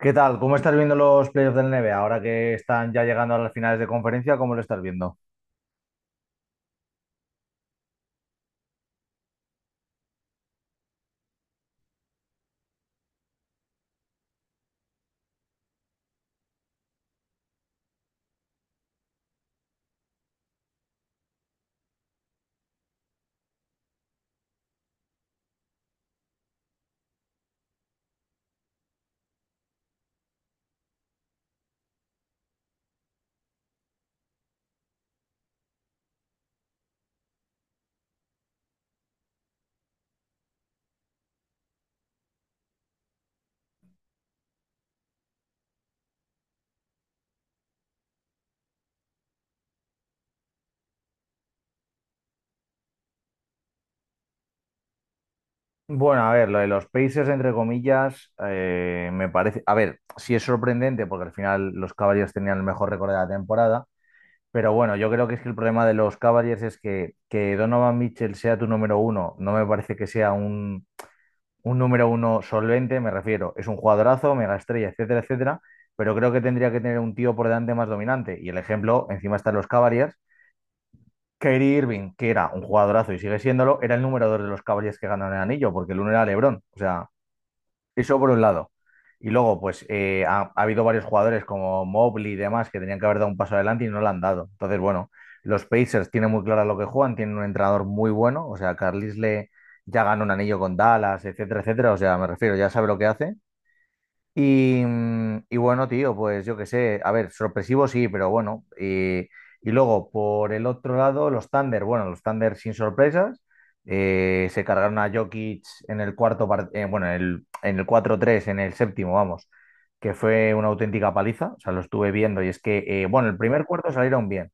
¿Qué tal? ¿Cómo estás viendo los playoffs del NBA ahora que están ya llegando a las finales de conferencia? ¿Cómo lo estás viendo? Bueno, a ver, lo de los Pacers, entre comillas, me parece. A ver, sí es sorprendente porque al final los Cavaliers tenían el mejor récord de la temporada, pero bueno, yo creo que es que el problema de los Cavaliers es que Donovan Mitchell sea tu número uno. No me parece que sea un, número uno solvente, me refiero. Es un jugadorazo, mega estrella, etcétera, etcétera, pero creo que tendría que tener un tío por delante más dominante. Y el ejemplo, encima, están los Cavaliers. Kyrie Irving, que era un jugadorazo y sigue siéndolo, era el número dos de los Cavaliers que ganaron el anillo, porque el uno era LeBron. O sea, eso por un lado. Y luego, pues ha habido varios jugadores como Mobley y demás que tenían que haber dado un paso adelante y no lo han dado. Entonces, bueno, los Pacers tienen muy claro lo que juegan, tienen un entrenador muy bueno. O sea, Carlisle ya ganó un anillo con Dallas, etcétera, etcétera. O sea, me refiero, ya sabe lo que hace. Y bueno, tío, pues yo qué sé, a ver, sorpresivo sí, pero bueno. Y luego, por el otro lado, los Thunder. Bueno, los Thunder sin sorpresas, se cargaron a Jokic en el cuarto, bueno, en el 4-3 en el séptimo, vamos, que fue una auténtica paliza. O sea, lo estuve viendo y es que, bueno, el primer cuarto salieron bien.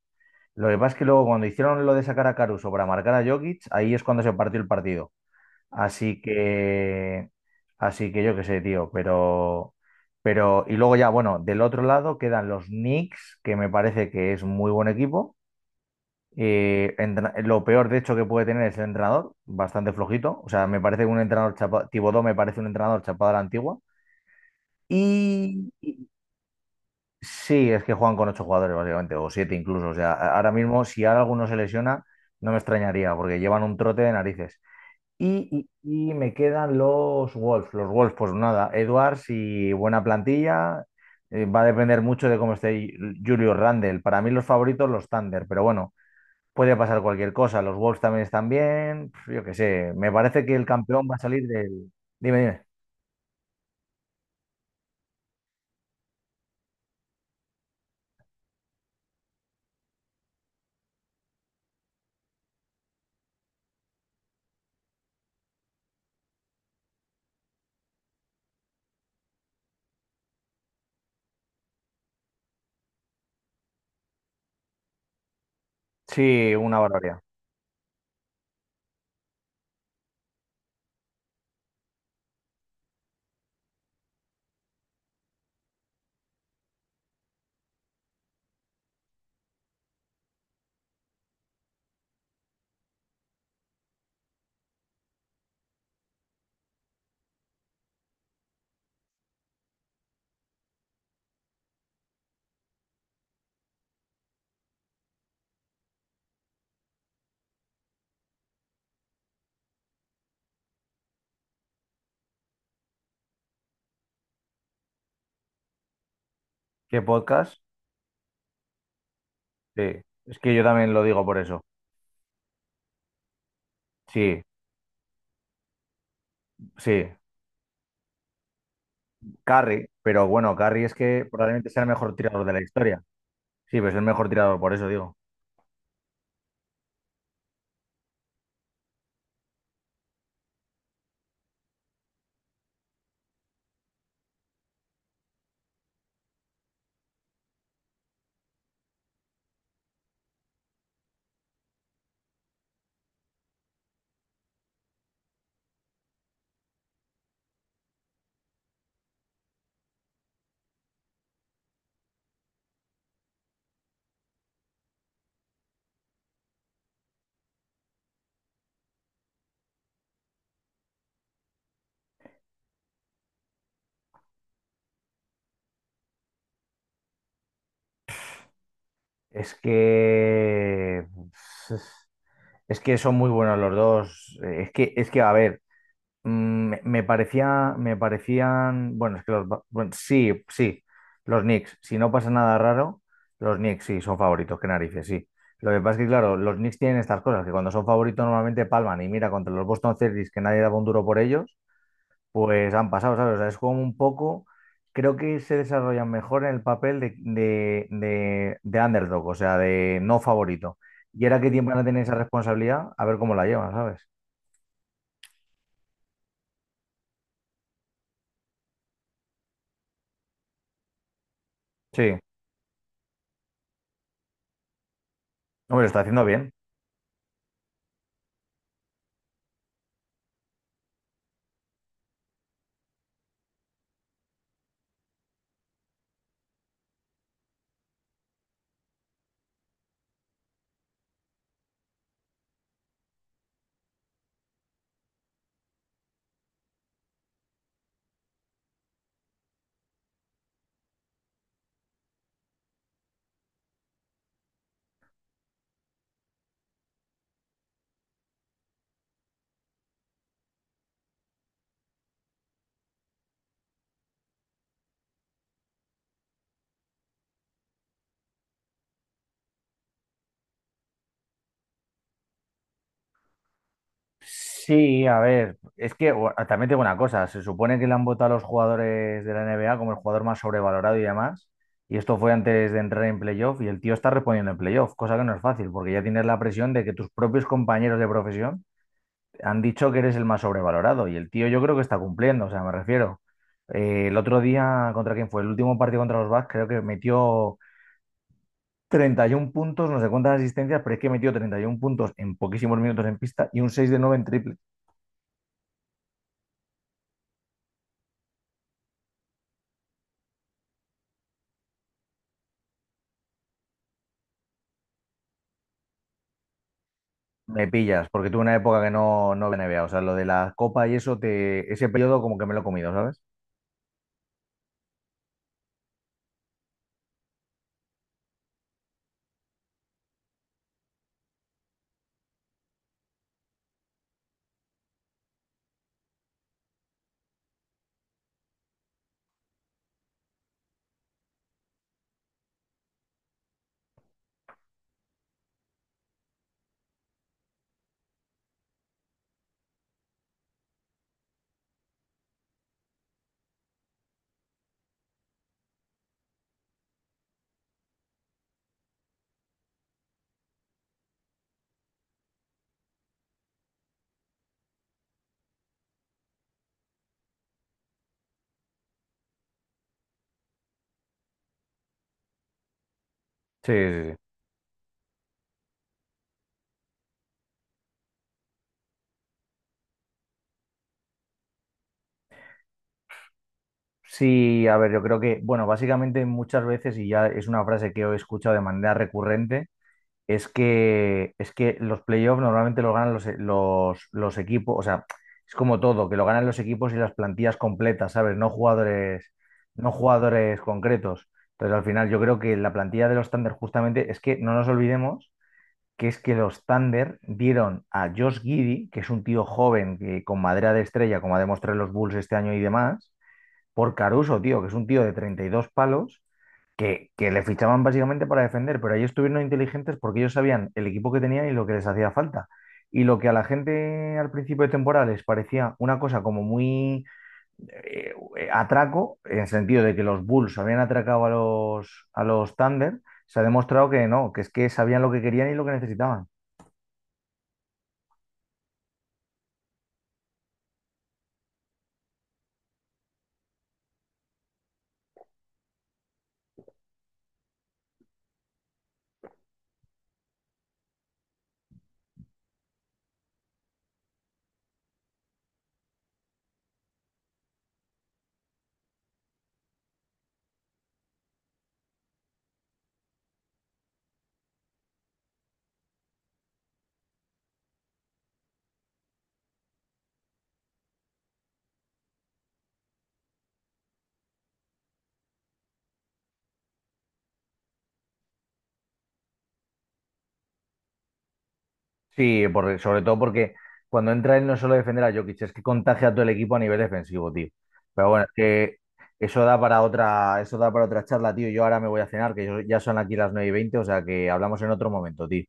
Lo que pasa es que luego, cuando hicieron lo de sacar a Caruso para marcar a Jokic, ahí es cuando se partió el partido. Así que, así que yo qué sé, tío. Y luego ya, bueno, del otro lado quedan los Knicks, que me parece que es muy buen equipo. Lo peor, de hecho, que puede tener es el entrenador, bastante flojito. O sea, me parece un entrenador chapado. Thibodeau me parece un entrenador chapado a la antigua. Y y- sí, es que juegan con ocho jugadores, básicamente, o siete incluso. O sea, ahora mismo, si ahora alguno se lesiona, no me extrañaría, porque llevan un trote de narices. Y, y me quedan los Wolves. Los Wolves, pues nada, Edwards y buena plantilla. Va a depender mucho de cómo esté Julius Randle. Para mí los favoritos, los Thunder, pero bueno, puede pasar cualquier cosa. Los Wolves también están bien. Pf, yo qué sé, me parece que el campeón va a salir del... Dime, dime. Sí, una barbaridad. ¿Qué podcast? Sí, es que yo también lo digo por eso. Sí, sí. Curry, pero bueno, Curry es que probablemente sea el mejor tirador de la historia. Sí, pero es el mejor tirador, por eso digo. Es que es que son muy buenos los dos. Es que a ver, mm, me parecían, bueno, es que bueno, sí, sí, los Knicks, si no pasa nada raro, los Knicks sí son favoritos, qué narices, sí. Lo que pasa es que, claro, los Knicks tienen estas cosas, que cuando son favoritos normalmente palman, y mira contra los Boston Celtics, que nadie daba un duro por ellos, pues han pasado, ¿sabes? O sea, es como un poco, creo que se desarrollan mejor en el papel de, de underdog, o sea, de no favorito. Y ahora que tiempo van a tener esa responsabilidad, a ver cómo la llevan, ¿sabes? Sí, hombre, lo está haciendo bien. Sí, a ver, es que bueno, también tengo una cosa, se supone que le han votado a los jugadores de la NBA como el jugador más sobrevalorado y demás, y esto fue antes de entrar en playoff, y el tío está respondiendo en playoff, cosa que no es fácil, porque ya tienes la presión de que tus propios compañeros de profesión han dicho que eres el más sobrevalorado. Y el tío, yo creo que está cumpliendo, o sea, me refiero. El otro día, ¿contra quién fue? El último partido contra los Bucks, creo que metió 31 puntos, no sé cuántas asistencias, pero es que metió 31 puntos en poquísimos minutos en pista y un 6 de 9 en triple. Me pillas, porque tuve una época que no veía NBA. O sea, lo de la copa y eso, ese periodo como que me lo he comido, ¿sabes? Sí, sí, sí. Sí, a ver, yo creo que, bueno, básicamente muchas veces, y ya es una frase que he escuchado de manera recurrente. Es que los playoffs normalmente los ganan los equipos, o sea, es como todo, que lo ganan los equipos y las plantillas completas, ¿sabes? No jugadores, no jugadores concretos. Entonces, al final, yo creo que la plantilla de los Thunder, justamente, es que no nos olvidemos que es que los Thunder dieron a Josh Giddey, que es un tío joven, que, con madera de estrella, como ha demostrado en los Bulls este año y demás, por Caruso, tío, que es un tío de 32 palos, que le fichaban básicamente para defender, pero ellos estuvieron inteligentes porque ellos sabían el equipo que tenían y lo que les hacía falta. Y lo que a la gente al principio de temporada les parecía una cosa como muy atraco, en el sentido de que los Bulls habían atracado a los Thunder, se ha demostrado que no, que es que sabían lo que querían y lo que necesitaban. Sí, sobre todo porque cuando entra él no es solo defender a Jokic, es que contagia a todo el equipo a nivel defensivo, tío. Pero bueno, es que eso da para otra charla, tío. Yo ahora me voy a cenar, que ya son aquí las 9:20, o sea que hablamos en otro momento, tío.